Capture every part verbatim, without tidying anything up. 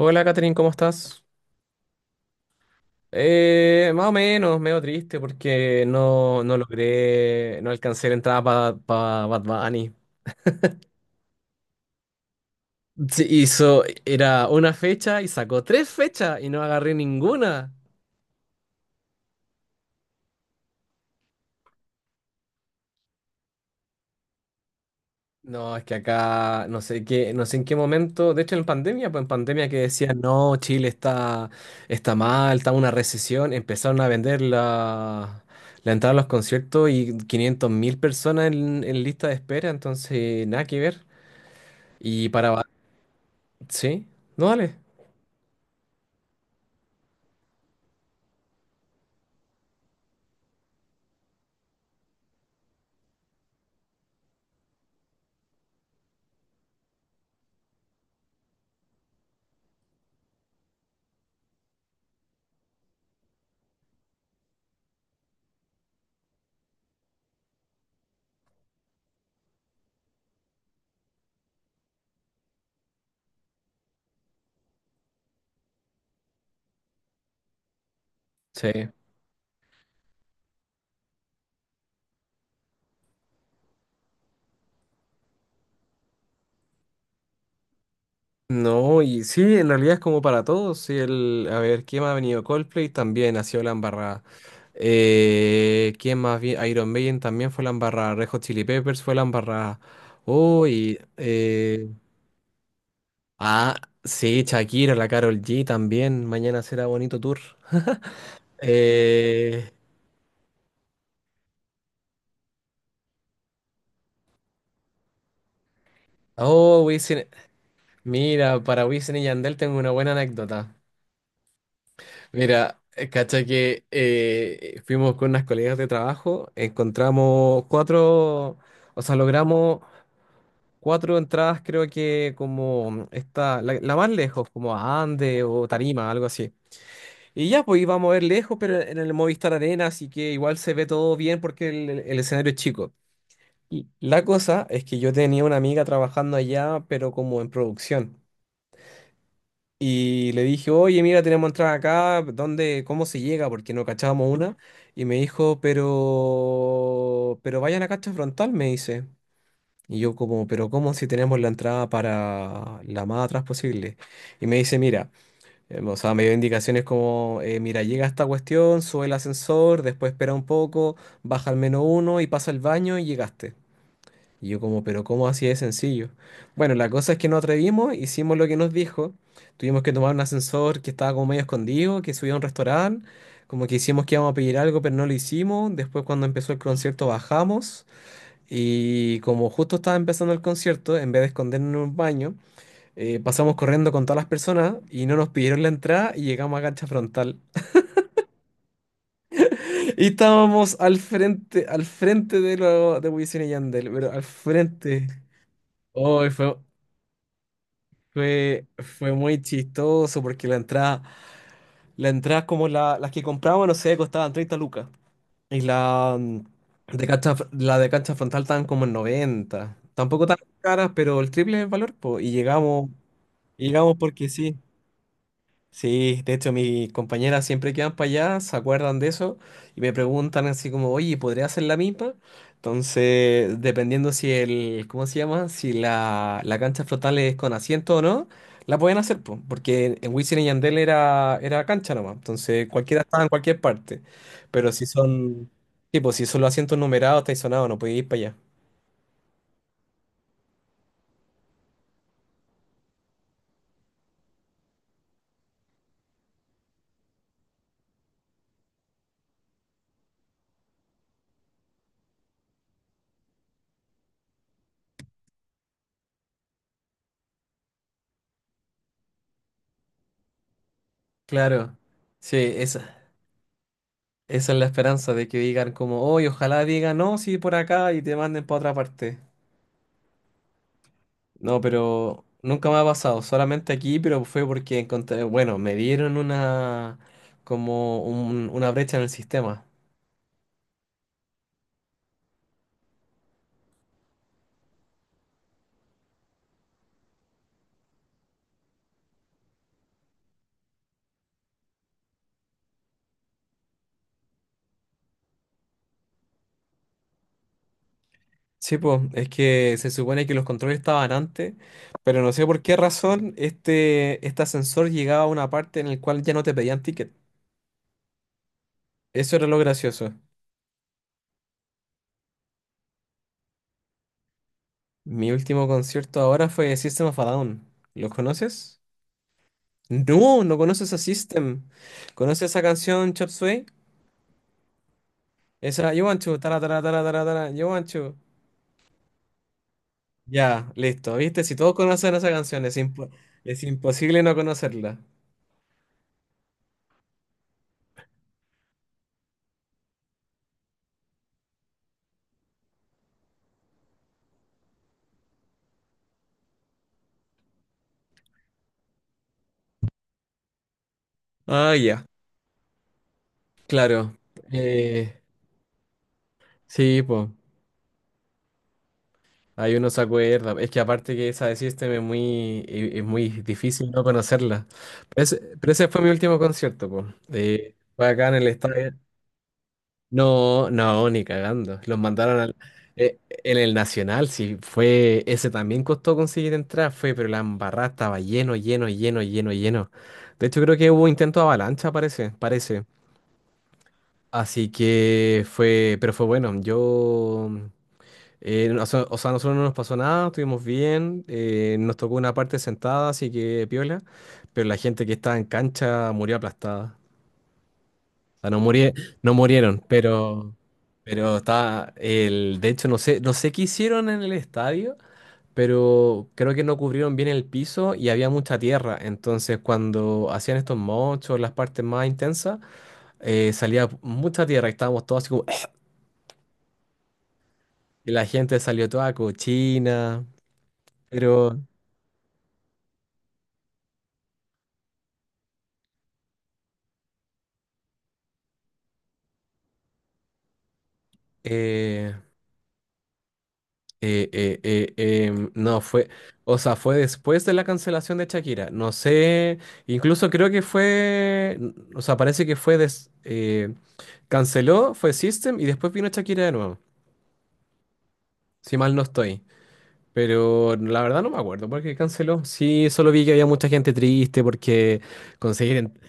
Hola, Catherine, ¿cómo estás? Eh, más o menos, medio triste porque no, no logré, no alcancé la entrada para Bad Bunny. Sí, hizo, era una fecha y sacó tres fechas y no agarré ninguna. No, es que acá no sé qué, no sé en qué momento, de hecho en pandemia, pues en pandemia que decían, no, Chile está, está mal, está en una recesión, empezaron a vender la, la entrada a los conciertos y quinientas mil personas en, en lista de espera, entonces nada que ver. Y para... ba- Sí, no, dale. Sí. No, y sí, en realidad es como para todos. Sí, el... A ver, ¿quién más ha venido? Coldplay también ha sido la embarrada. Eh, ¿quién más? vi- Iron Maiden también fue la embarrada. Red Hot Chili Peppers fue la embarrada. Uy, eh, ah, sí, Shakira, la Karol G también. Mañana será bonito tour. Eh, oh, Wisin- Mira, para Wisin y Yandel tengo una buena anécdota. Mira, eh, cacha que eh, fuimos con unas colegas de trabajo, encontramos cuatro, o sea, logramos cuatro entradas, creo que como esta, la, la más lejos, como a Ande o Tarima, algo así. Y ya, pues íbamos a ver lejos, pero en el Movistar Arena, así que igual se ve todo bien porque el, el escenario es chico. Y la cosa es que yo tenía una amiga trabajando allá, pero como en producción. Y le dije, oye, mira, tenemos entrada acá, ¿dónde, cómo se llega? Porque no cachábamos una. Y me dijo, pero, pero vayan a cacha frontal, me dice. Y yo como, pero ¿cómo si tenemos la entrada para la más atrás posible? Y me dice, mira, eh, o sea, me dio indicaciones como, eh, mira, llega esta cuestión, sube el ascensor, después espera un poco, baja al menos uno y pasa al baño y llegaste. Y yo como, pero ¿cómo así de sencillo? Bueno, la cosa es que nos atrevimos, hicimos lo que nos dijo, tuvimos que tomar un ascensor que estaba como medio escondido, que subía a un restaurante, como que hicimos que íbamos a pedir algo, pero no lo hicimos, después cuando empezó el concierto bajamos y como justo estaba empezando el concierto, en vez de escondernos en un baño, eh, pasamos corriendo con todas las personas y no nos pidieron la entrada y llegamos a cancha frontal. Y estábamos al frente, al frente de lo de Wisin y Yandel, pero al frente. Oh, fue, Fue, fue muy chistoso porque la entrada, la entrada como la- las que comprábamos, no sé, costaban treinta lucas. Y la mm, de cancha, fr- la de cancha frontal estaban como en noventa. Tampoco tan caras, pero el triple es el valor, po. Y llegamos, y llegamos porque sí. Sí, de hecho mis compañeras siempre que van para allá se acuerdan de eso y me preguntan así como, oye, ¿podría hacer la misma? Entonces, dependiendo si el, ¿cómo se llama? Si la, la cancha flotable es con asiento o no, la pueden hacer, po, porque en Wisin y Yandel era, era cancha nomás, entonces cualquiera estaba en cualquier parte, pero si son, tipo, si son los asientos numerados, estáis sonados, no podéis ir para allá. Claro, sí, esa, esa es la esperanza de que digan como, oye, ojalá digan, no, sí, por acá y te manden para otra parte. No, pero nunca me ha pasado, solamente aquí, pero fue porque encontré, bueno, me dieron una, como un- una brecha en el sistema. Sí, pues, es que se supone que los controles estaban antes, pero no sé por qué razón este, este ascensor llegaba a una parte en el cual ya no te pedían ticket. Eso era lo gracioso. Mi último concierto ahora fue System of a Down. ¿Los conoces? No, no conoces a System. ¿Conoces esa canción Chop Suey? Esa, you want to, tara, tara, tara, tara, tara, you want to. Ya, listo. ¿Viste? Si todos conocen esa canción, es, impo- es imposible no conocerla. Ah, ya, claro. Eh, sí, pues, ahí uno se acuerda. Es que aparte que esa de System es muy, es muy difícil no conocerla. Pero ese, pero ese fue mi último concierto, pues. Fue acá en el estadio. No, no, ni cagando. Los mandaron al, eh, en el Nacional, sí, fue, ese también costó conseguir entrar, fue, pero la embarrada estaba lleno, lleno, lleno, lleno, lleno. De hecho, creo que hubo intento de avalancha, parece, parece. Así que fue, pero fue bueno. Yo, eh, no- o sea, o sea, a nosotros no nos pasó nada, estuvimos bien, eh, nos tocó una parte sentada, así que piola, pero la gente que estaba en cancha murió aplastada. Sea, no murie- no murieron, pero, pero está el, de hecho, no sé, no sé qué hicieron en el estadio, pero creo que no cubrieron bien el piso y había mucha tierra. Entonces, cuando hacían estos mochos, las partes más intensas, eh, salía mucha tierra y estábamos todos así como, y la gente salió toda cochina, pero eh, Eh, eh, eh, em, no, fue, o sea, fue después de la cancelación de Shakira. No sé, incluso creo que fue, n- o sea, parece que fue, des- eh, canceló, fue System y después vino Shakira de nuevo, si mal no estoy. Pero la verdad no me acuerdo porque canceló. Sí, solo vi que había mucha gente triste porque conseguir... en-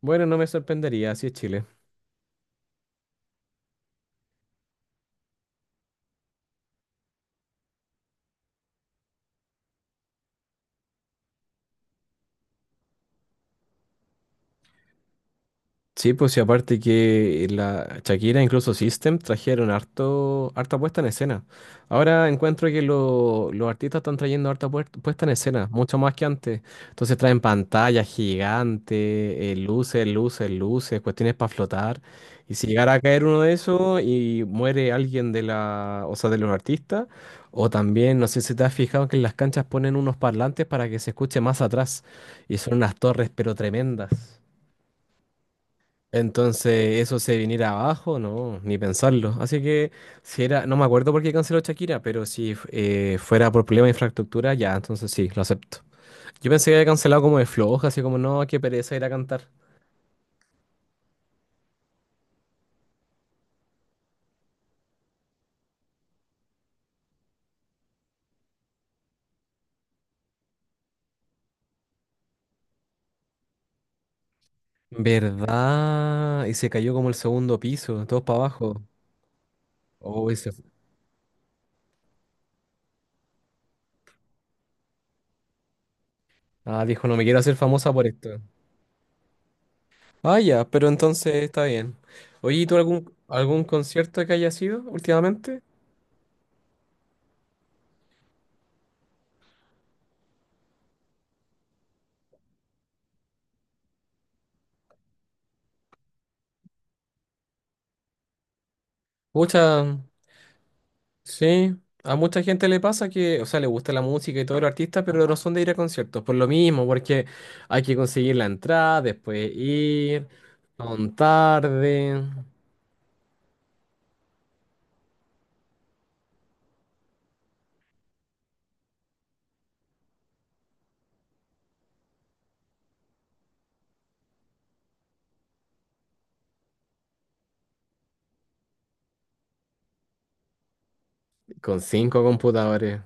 Bueno, no me sorprendería, así es Chile. Sí, pues y aparte que la Shakira, incluso System, trajeron harto, harta puesta en escena. Ahora encuentro que lo- los artistas están trayendo harta puer- puesta en escena, mucho más que antes. Entonces traen pantallas gigantes, eh, luces, luces, luces, cuestiones para flotar. Y si llegara a caer uno de esos y muere alguien de la, o sea, de los artistas, o también, no sé si te has fijado que en las canchas ponen unos parlantes para que se escuche más atrás. Y son unas torres, pero tremendas. Entonces, eso se viniera abajo, no, ni pensarlo. Así que, si era, no me acuerdo por qué canceló Shakira, pero si eh, fuera por problema de infraestructura, ya, entonces sí, lo acepto. Yo pensé que había cancelado como de floja, así como, no, qué pereza ir a cantar. ¿Verdad? Y se cayó como el segundo piso, todos para abajo. Oh, ese- Ah, dijo, no me quiero hacer famosa por esto. Ah, ya, pero entonces está bien. Oye, ¿y tú algún, algún concierto que haya sido últimamente? Pucha. Sí, a mucha gente le pasa que, o sea, le gusta la música y todos los artistas, pero no son de ir a conciertos, por lo mismo, porque hay que conseguir la entrada, después ir, son tarde, con cinco computadores.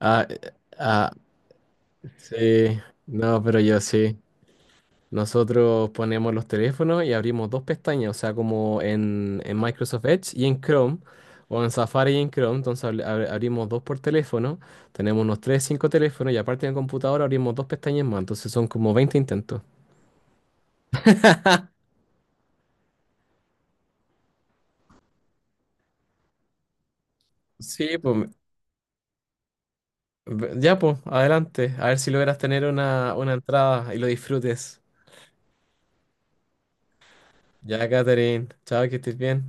Ah, eh, ah, sí, no, pero yo sí. Nosotros ponemos los teléfonos y abrimos dos pestañas, o sea, como en, en Microsoft Edge y en Chrome, o en Safari y en Chrome. Entonces abri- abri- abrimos dos por teléfono, tenemos unos tres, cinco teléfonos y aparte en el computador abrimos dos pestañas más. Entonces son como veinte intentos. Sí, pues ve- ya, pues, adelante. A ver si logras tener una, una entrada y lo disfrutes. Ya, Catherine. Chao, que estés bien.